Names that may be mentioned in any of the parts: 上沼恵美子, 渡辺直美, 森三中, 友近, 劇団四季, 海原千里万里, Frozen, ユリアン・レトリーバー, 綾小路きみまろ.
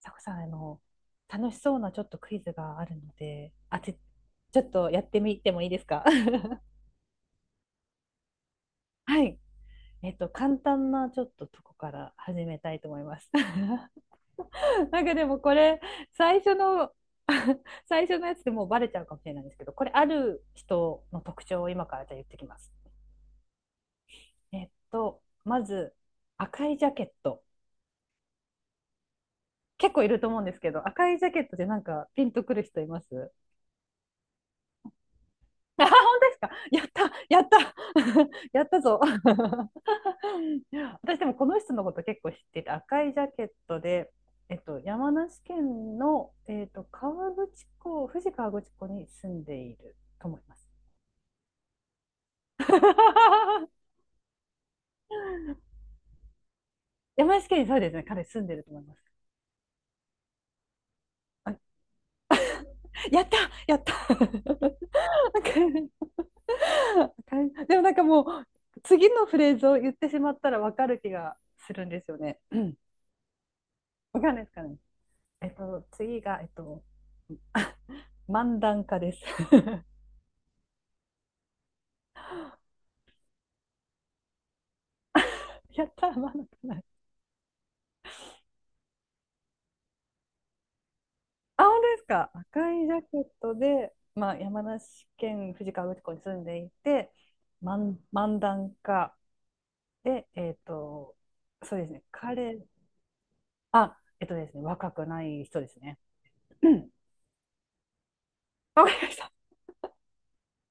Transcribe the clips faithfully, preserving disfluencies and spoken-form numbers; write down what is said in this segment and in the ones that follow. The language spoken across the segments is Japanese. さこさん、あの、楽しそうなちょっとクイズがあるので、あて、ちょっとやってみてもいいですか？ はい。えっと、簡単なちょっととこから始めたいと思います。なんかでもこれ、最初の 最初のやつでもうバレちゃうかもしれないんですけど、これある人の特徴を今からじゃあ言ってきます。えっと、まず、赤いジャケット。結構いると思うんですけど、赤いジャケットでなんかピンとくる人います？ あ、本当ですか。やった、やった、やったぞ。私でもこの人のこと結構知ってて、赤いジャケットで、えっと、山梨県の、えっと、河口湖、富士河口湖に住んでいると思います。山梨県にそうですね、彼住んでると思います。あ、やった、やった。なんか でもなんかもう、次のフレーズを言ってしまったらわかる気がするんですよね。うん、わかんないですかね。えっと、次が、えっと、漫談家です。やったー、漫談家ない。あ、本当ですか。赤いジャケットで、まあ、山梨県富士河口湖に住んでいて、漫、漫談家で、えっと、そうですね、彼、あ、えっとですね、若くない人ですね。うん。わかりました。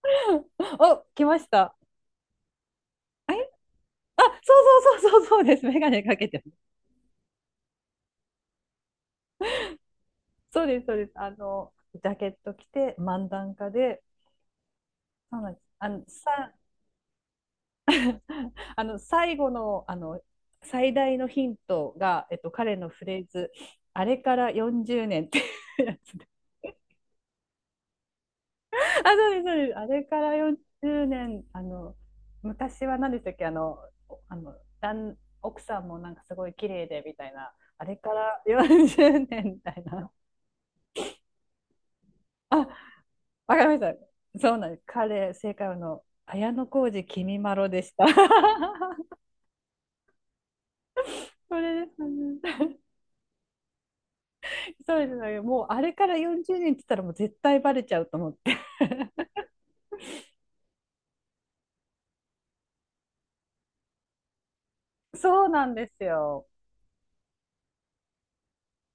お、来ました。え、あ、そうそうそうそうそうです。メガネかけてます。そうです、そうです。あの、ジャケット着て、漫談家で、そうなんです。あの、さ、あの最後のあの最大のヒントが、えっと、彼のフレーズ「あれからよんじゅうねん」っていうやつで。 あ、そうです、そうです。あれからよんじゅうねん、あの昔は何でしたっけ、あの、あの、旦奥さんもなんかすごい綺麗でみたいな、あれからよんじゅうねんみたいな。あ、わかりました。そうなんです、彼、正解はあの綾小路きみまろでした。 これですね。そうですね。もうあれからよんじゅうねんって言ったらもう絶対バレちゃうと思って。そうなんですよ。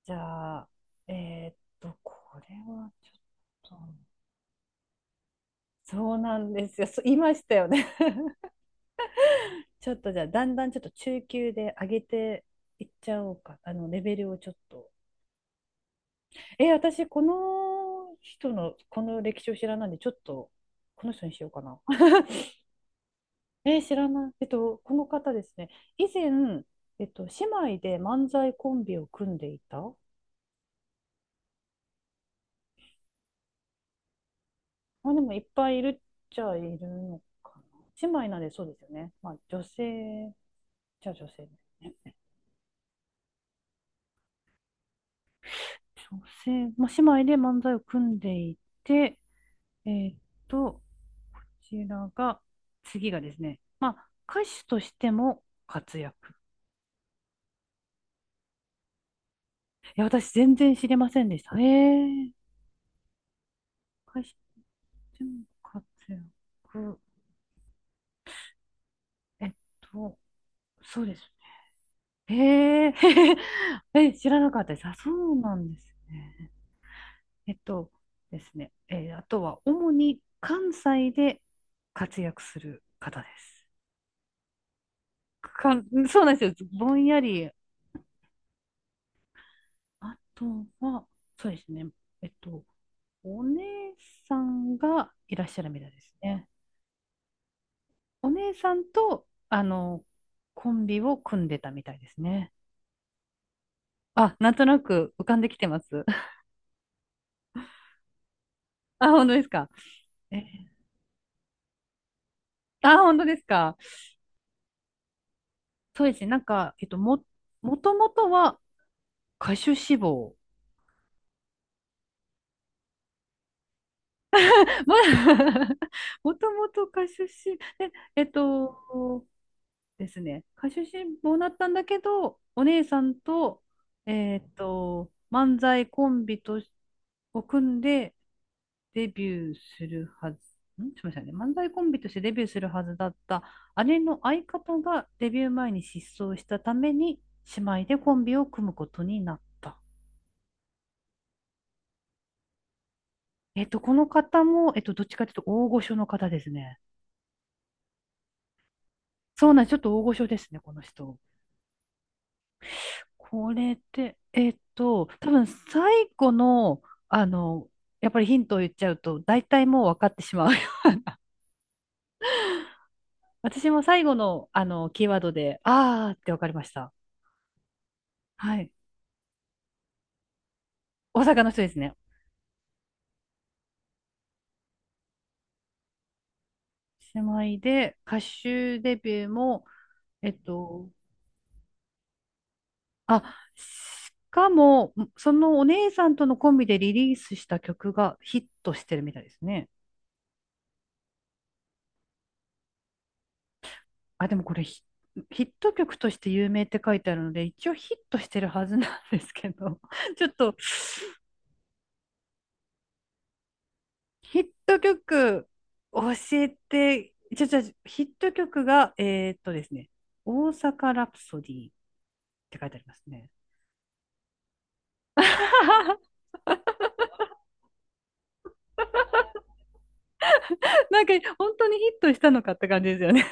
じゃあ、えーっと、これはちょっと、そうなんですよ。そう言いましたよね。ちょっとじゃあ、だんだんちょっと中級で上げていっちゃおうか。あの、レベルをちょっと。えー、私、この人の、この歴史を知らないんで、ちょっと、この人にしようかな。えー知らない。えっと、この方ですね。以前、えっと、姉妹で漫才コンビを組んでいた。まあ、でもいっぱいいるっちゃいるのかな。姉妹なんでそうですよね。まあ、女性、じゃあ女性ですね。女性、まあ、姉妹で漫才を組んでいて、えーっと、こちらが、次がですね、まあ、歌手としても活躍。いや、私全然知りませんでした。ええ。歌手でも活躍。えっと、そうですね。へえー。え、知らなかったです。あ、そうなんですね。えっとですね、えー、あとは主に関西で活躍する方です。か、そうなんですよ。ぼんやり。あとは、そうですね。えっと、お姉さんがいらっしゃるみたいですね。お姉さんと、あの、コンビを組んでたみたいですね。あ、なんとなく浮かんできてます。あ、本当ですか。えー、あ、本当ですか。そうですね。なんか、えっと、も、もともとは歌手志望。まあ、もともと歌手志望、でえっとですね、歌手志望だったんだけど、お姉さんと、えっと、漫才コンビとしを組んでデビューするはず、ん、すみませんね、漫才コンビとしてデビューするはずだった姉の相方がデビュー前に失踪したために、姉妹でコンビを組むことになった。えっと、この方も、えっと、どっちかというと大御所の方ですね。そうなんです。ちょっと大御所ですね、この人。これって、えっと、多分最後の、あの、やっぱりヒントを言っちゃうと、大体もう分かってしまう。私も最後の、あの、キーワードで、あーって分かりました。はい。大阪の人ですね。姉妹で、歌手デビューも、えっと、あ、しかも、そのお姉さんとのコンビでリリースした曲がヒットしてるみたいですね。あ、でもこれヒ、ヒット曲として有名って書いてあるので、一応ヒットしてるはずなんですけど、ちょっとヒット曲教えて、ちょ、ちょ、ヒット曲が、えーっとですね、大阪ラプソディって書いてありますね。なんか本当にヒットしたのかって感じですよね。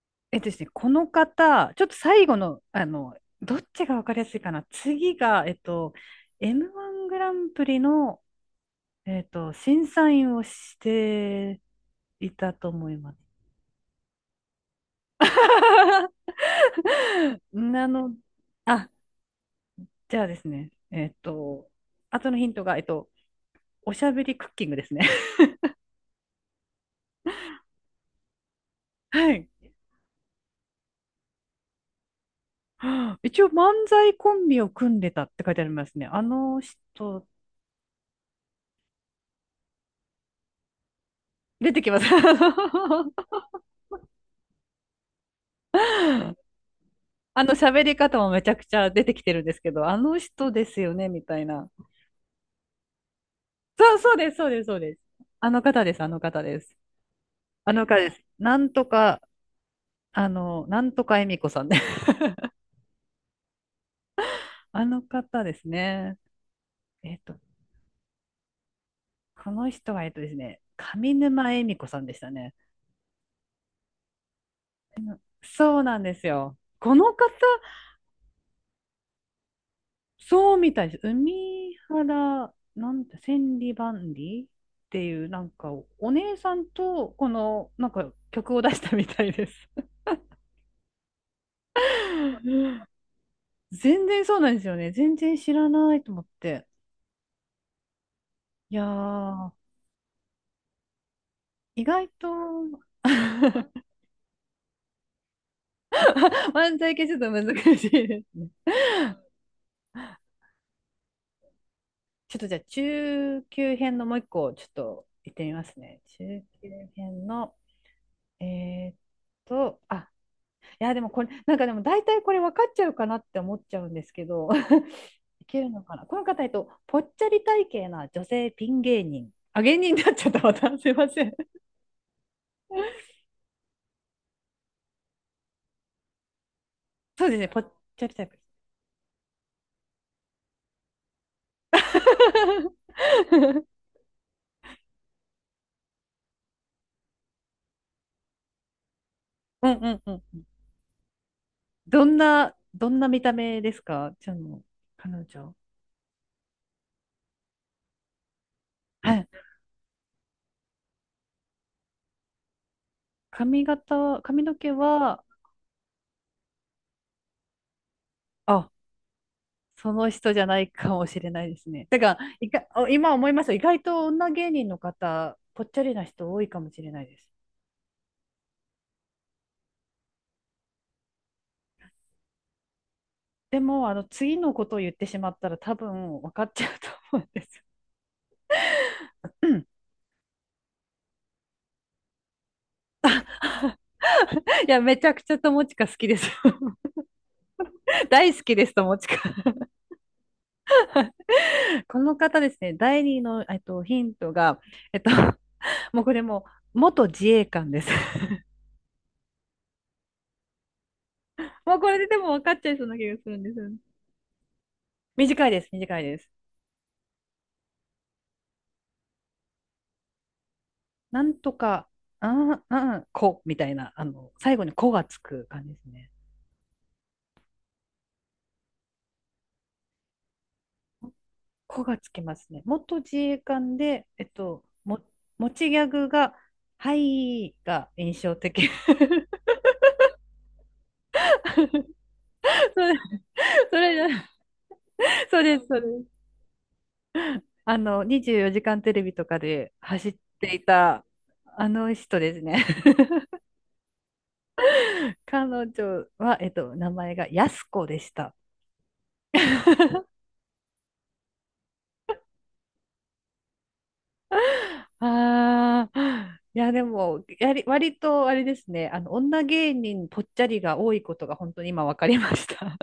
えっとですね、この方、ちょっと最後の、あの、どっちが分かりやすいかな。次が、えっと、エムワン グランプリのえっと、審査員をしていたと思います。なの、あ、じゃあですね、えっと、後のヒントが、えっと、おしゃべりクッキングですね。はい。一応、漫才コンビを組んでたって書いてありますね。あの人、出てきます。あの喋り方もめちゃくちゃ出てきてるんですけど、あの人ですよね、みたいな。そう、そうです、そうです、そうです。あの方です、あの方です。あの方です。なんとか、あの、なんとか恵美子さんね。あの方ですね。えっと、この人は、えっとですね、上沼恵美子さんでしたね。そうなんですよ。この方、そうみたいです。海原、なんて、千里万里っていう、なんか、お姉さんと、この、なんか、曲を出したみたいです。全然そうなんですよね。全然知らないと思って。いやー、意外と、漫才系ちょっと難しいですね。ちょっとじゃあ中級編のもう一個ちょっと行ってみますね。中級編の、えーっと、あ、いやでもこれ、なんかでも大体これ分かっちゃうかなって思っちゃうんですけど、いけるのかな。この方、えっと、ぽっちゃり体型な女性ピン芸人。あ、芸人になっちゃった、また。すいません。そうですね、ぽっちゃりタイプ。うんうんうん。どんな、どんな見た目ですか、ちゃんの彼女。はい。髪型は、髪の毛は、あ、その人じゃないかもしれないですね。だから、いか、今思いますよ。意外と女芸人の方、ぽっちゃりな人多いかもしれないです。でも、あの、次のことを言ってしまったら多分分かっちゃうと思うんですよ。うん、いや、めちゃくちゃ友近好きです。大好きです、友近。この方ですね、第二の、えっと、ヒントが、えっと、もうこれもう、元自衛官です。もうこれででも分かっちゃいそうな気がするんですよね。短いです、短いです。なんとか、ああああこ、みたいな、あの、最後にこがつく感じですね。こがつきますね。元自衛官で、えっと、も、持ちギャグが、はいが印象的。それ、それじゃない、そうです、そうです。あの、にじゅうよじかんテレビとかで走っていた、あの人ですね。彼女は、えっと、名前がやすこでした。ああ、いや、でも、やり、割とあれですね、あの、女芸人ぽっちゃりが多いことが本当に今分かりました。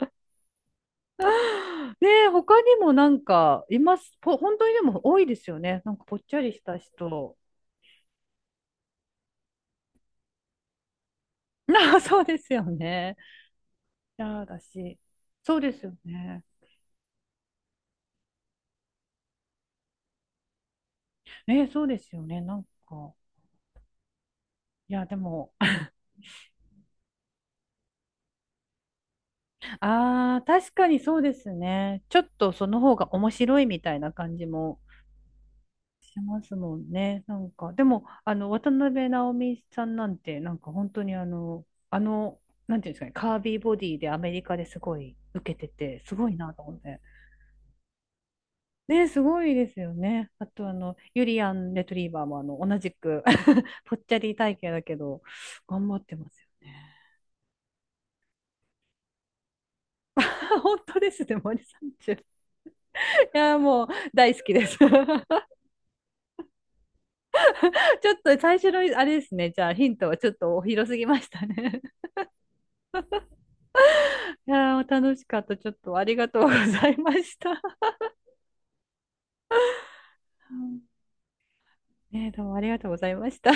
ねえ、他にもなんか、います。ぽ、本当にでも多いですよね。なんかぽっちゃりした人。ああ、そうですよね。いやー、だし。そうですよね。えー、そうですよね。なんか、いや、でも、ああ、確かにそうですね。ちょっとその方が面白いみたいな感じも。しますもんね。なんか、でも、あの、渡辺直美さんなんて、なんか本当にあの、あの、なんていうんですかね、カービーボディでアメリカですごい受けてて、すごいなと思って。ね、すごいですよね。あと、あの、ユリアン・レトリーバーも、あの、同じく ぽっちゃり体型だけど、頑張ってますよね。本当ですね、森三中。いや、もう、大好きです。ちょっと最初の、あれですね、じゃあヒントはちょっと広すぎましたね。いやー、楽しかった。ちょっとありがとうございました。うん、ねえ、どうもありがとうございました。